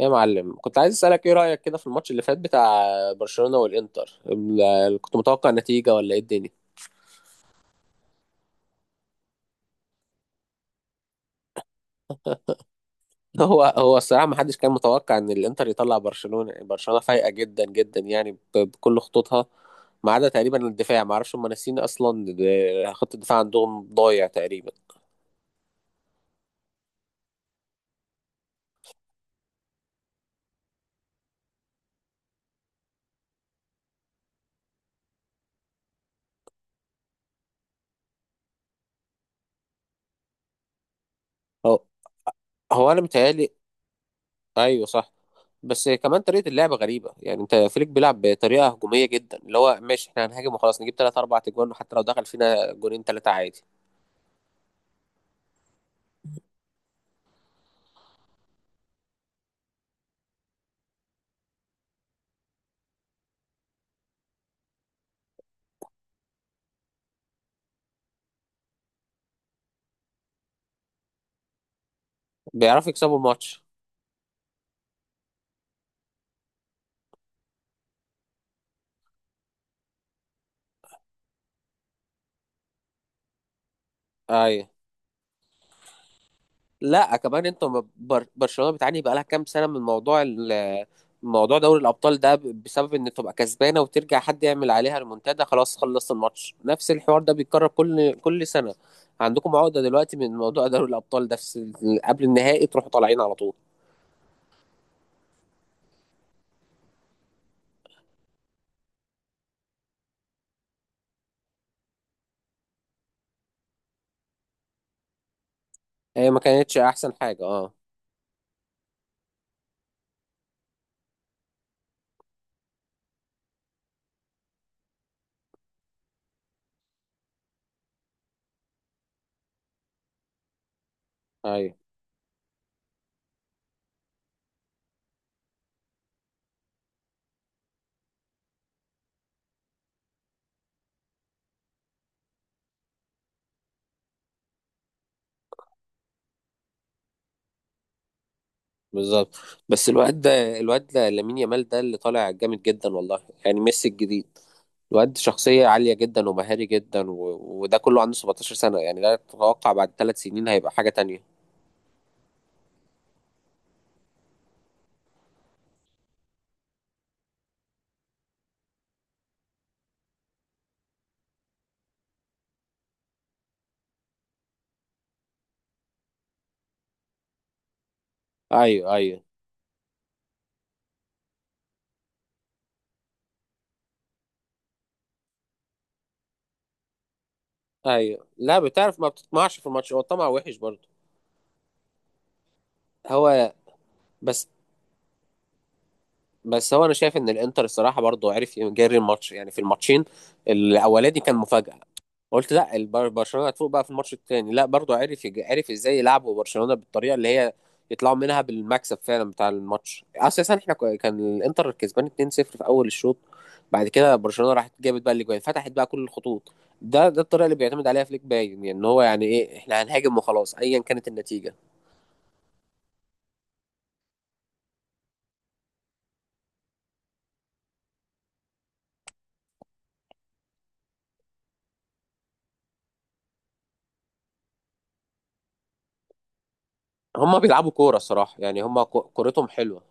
إيه يا معلم، كنت عايز اسالك ايه رايك كده في الماتش اللي فات بتاع برشلونه والانتر. كنت متوقع نتيجه ولا ايه الدنيا؟ هو الصراحه ما حدش كان متوقع ان الانتر يطلع برشلونه. برشلونه فايقه جدا جدا، يعني بكل خطوطها، ما عدا تقريبا الدفاع. ما اعرفش هم ناسيين اصلا، خط الدفاع عندهم ضايع تقريبا. هو هو انا متهيألي، ايوه صح. بس كمان طريقه اللعب غريبه، يعني انت فليك بيلعب بطريقه هجوميه جدا، اللي هو ماشي، احنا هنهاجم وخلاص، نجيب ثلاث اربع اجوان، وحتى لو دخل فينا جونين ثلاثه عادي. بيعرفوا يكسبوا الماتش، ايوه. لا كمان انتوا برشلونه بتعاني بقالها كام سنه من موضوع موضوع دوري الابطال ده، بسبب ان تبقى كسبانه وترجع حد يعمل عليها ريمونتادا، خلاص خلصت الماتش. نفس الحوار ده بيتكرر كل سنه. عندكم عقده دلوقتي من موضوع دوري الابطال ده، قبل النهائي تروحوا طالعين على طول. هي ما كانتش احسن حاجه، اه. ايوه بالظبط. بس الواد ده لامين يامال ده اللي طالع جامد جدا والله. يعني ميسي الجديد. الواد شخصية عالية جدا ومهاري جدا، وده كله عنده 17 سنة. يعني لا تتوقع بعد 3 سنين هيبقى حاجة تانية. ايوه ايوه ايوه، لا بتعرف ما بتطمعش في الماتش، هو الطمع وحش برضه. هو بس بس هو انا شايف ان الانتر الصراحة برضه عرف يجري الماتش، يعني في الماتشين الاولاني كان مفاجأة. قلت لا، برشلونه هتفوق بقى في الماتش التاني. لا برضو عرف عرف ازاي يلعبوا برشلونه بالطريقه اللي هي يطلعوا منها بالمكسب. فعلا بتاع الماتش اساسا، كان الانتر كسبان 2-0 في اول الشوط. بعد كده برشلونه راحت جابت بقى الاجوان، فتحت بقى كل الخطوط. ده الطريقه اللي بيعتمد عليها فليك، باين يعني ان هو يعني ايه احنا هنهاجم وخلاص ايا كانت النتيجه. هما بيلعبوا كوره الصراحه، يعني هما كورتهم حلوه.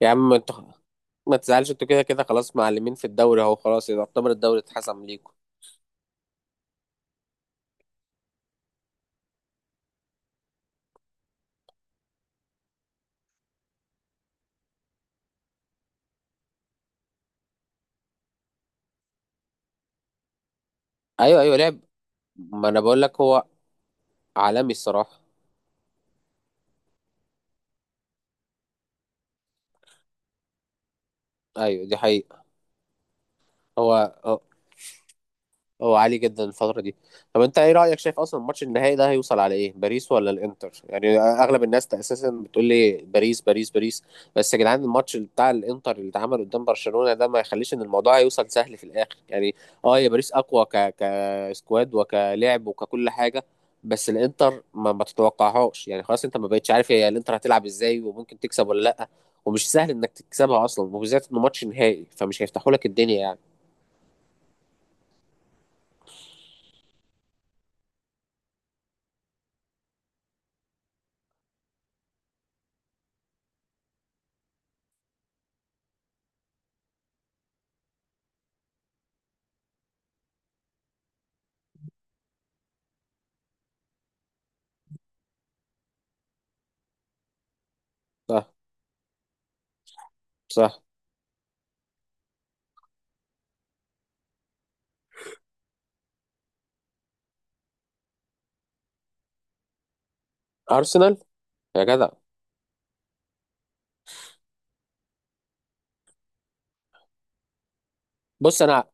يا عم انت، ما تزعلش، انتوا كده كده خلاص معلمين في الدوري اهو، خلاص يعتبر الدوري اتحسم ليكم. ايوه ايوه، لعب. ما انا بقول لك هو عالمي الصراحه. ايوه دي حقيقه. هو هو عالي جدا الفترة دي. طب انت ايه رأيك، شايف اصلا الماتش النهائي ده هيوصل على ايه، باريس ولا الانتر؟ يعني اغلب الناس اساسا بتقول لي باريس باريس باريس، بس يا جدعان الماتش بتاع الانتر اللي اتعمل قدام برشلونة ده ما يخليش ان الموضوع هيوصل سهل في الاخر يعني. اه، يا باريس اقوى كسكواد وكلعب وككل حاجة، بس الانتر ما تتوقعهاش، يعني خلاص انت ما بقتش عارف هي الانتر هتلعب ازاي وممكن تكسب ولا لا. ومش سهل انك تكسبها اصلا، وبالذات انه ماتش نهائي، فمش هيفتحوا لك الدنيا يعني. صح صح. ارسنال، يا جدع. بص انا،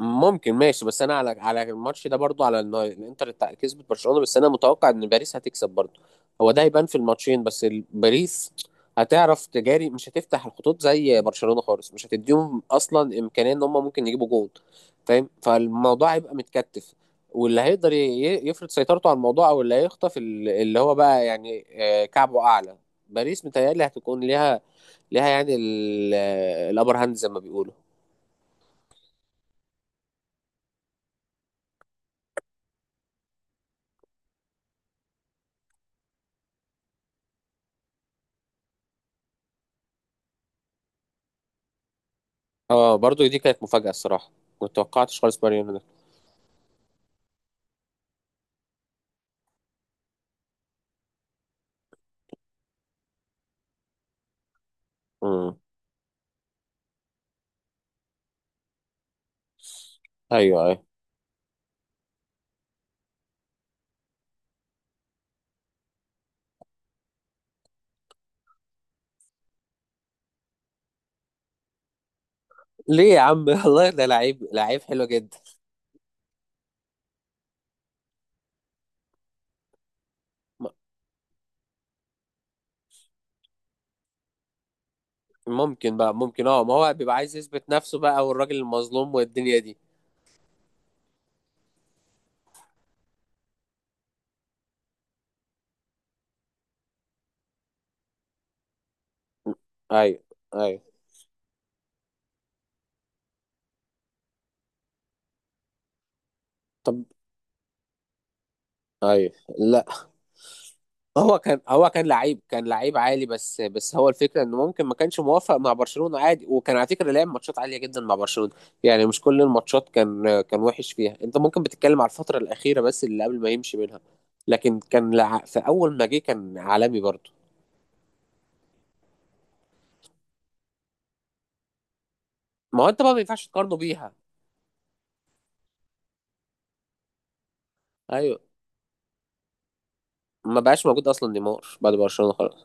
ممكن ماشي، بس انا على الماتش ده برضو، على إن الانتر كسبت برشلونة، بس انا متوقع ان باريس هتكسب برضو. هو ده هيبان في الماتشين. بس باريس هتعرف تجاري، مش هتفتح الخطوط زي برشلونة خالص، مش هتديهم اصلا امكانية ان هم ممكن يجيبوا جول، فاهم. فالموضوع هيبقى متكتف. واللي هيقدر يفرض سيطرته على الموضوع، او اللي هيخطف اللي هو بقى، يعني كعبه اعلى. باريس متهيألي هتكون ليها يعني الابر هاند زي ما بيقولوا. اه، برضو دي كانت مفاجأة الصراحة، ما توقعتش خالص ماريانو ده. امم ايوه ايوه. ليه يا عم؟ والله ده لعيب، لعيب حلو جدا. م- ممكن بقى، ممكن، اه، ما هو بيبقى عايز يثبت نفسه بقى، والراجل المظلوم والدنيا دي. ايوه ايوه. طب ايوه، لا هو كان لعيب، كان لعيب عالي. بس هو الفكره انه ممكن ما كانش موافق مع برشلونه عادي، وكان على فكره لعب ماتشات عاليه جدا مع برشلونه. يعني مش كل الماتشات كان وحش فيها. انت ممكن بتتكلم على الفتره الاخيره بس، اللي قبل ما يمشي منها. لكن كان في اول ما جه كان عالمي برضه. ما هو انت بقى ما ينفعش تقارنه بيها. ايوه، ما بقاش موجود اصلا نيمار بعد برشلونه خلاص.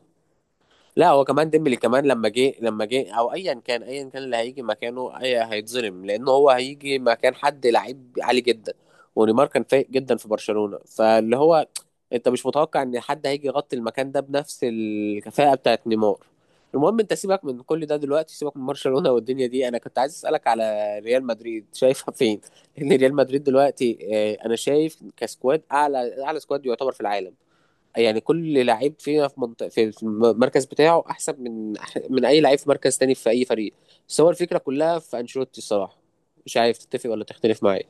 لا هو كمان ديمبلي، كمان لما جه او ايا كان، ايا كان اللي هيجي مكانه اي هيتظلم، لان هو هيجي مكان حد لعيب عالي جدا. ونيمار كان فايق جدا في برشلونة، فاللي هو انت مش متوقع ان حد هيجي يغطي المكان ده بنفس الكفاءة بتاعت نيمار. المهم انت سيبك من كل ده دلوقتي، سيبك من برشلونة والدنيا دي. انا كنت عايز اسالك على ريال مدريد شايفها فين لان ريال مدريد دلوقتي انا شايف كسكواد اعلى سكواد يعتبر في العالم. يعني كل لعيب فينا في منطقة، في المركز بتاعه احسن من اي لعيب في مركز تاني في اي فريق. بس هو الفكره كلها في انشيلوتي الصراحه، مش عارف تتفق ولا تختلف معايا.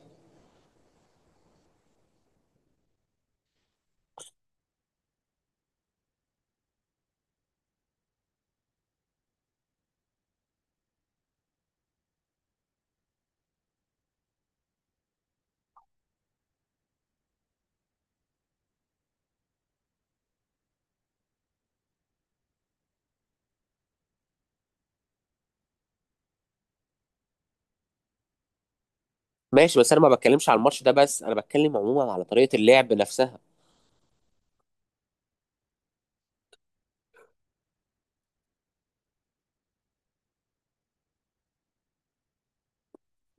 ماشي، بس انا ما بتكلمش على الماتش ده بس، انا بتكلم عموما على طريقه اللعب نفسها.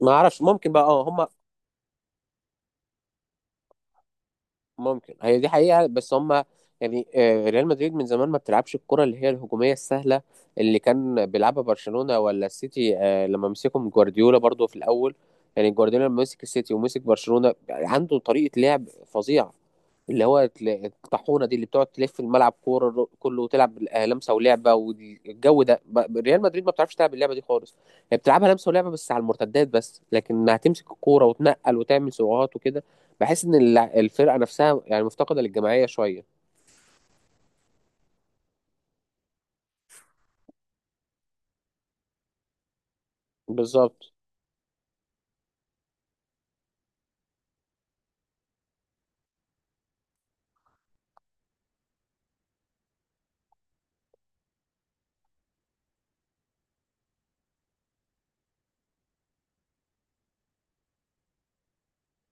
ما اعرفش، ممكن بقى، اه هم. ممكن هي دي حقيقة، بس هم يعني ريال مدريد من زمان ما بتلعبش الكرة اللي هي الهجومية السهلة اللي كان بيلعبها برشلونة ولا السيتي، لما مسكهم جوارديولا برضو في الأول. يعني جوارديولا لما مسك السيتي ومسك برشلونة عنده طريقة لعب فظيعة، اللي هو الطاحونة دي اللي بتقعد تلف الملعب كورة كله وتلعب لمسة ولعبة والجو ده. ريال مدريد ما بتعرفش تلعب اللعبة دي خالص. هي بتلعبها لمسة ولعبة بس على المرتدات بس، لكن هتمسك الكورة وتنقل وتعمل سرعات وكده. بحس ان الفرقه نفسها يعني مفتقده للجماعيه شويه. بالظبط.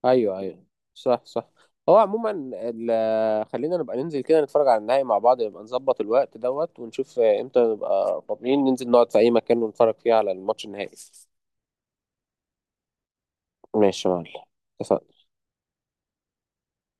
ايوه ايوه، صح صح. هو عموما، خلينا نبقى ننزل كده نتفرج على النهائي مع بعض، نبقى نظبط الوقت دوت ونشوف امتى نبقى فاضيين ننزل نقعد في اي مكان ونتفرج فيه على الماتش النهائي. ماشي يا معلم، اتفقنا.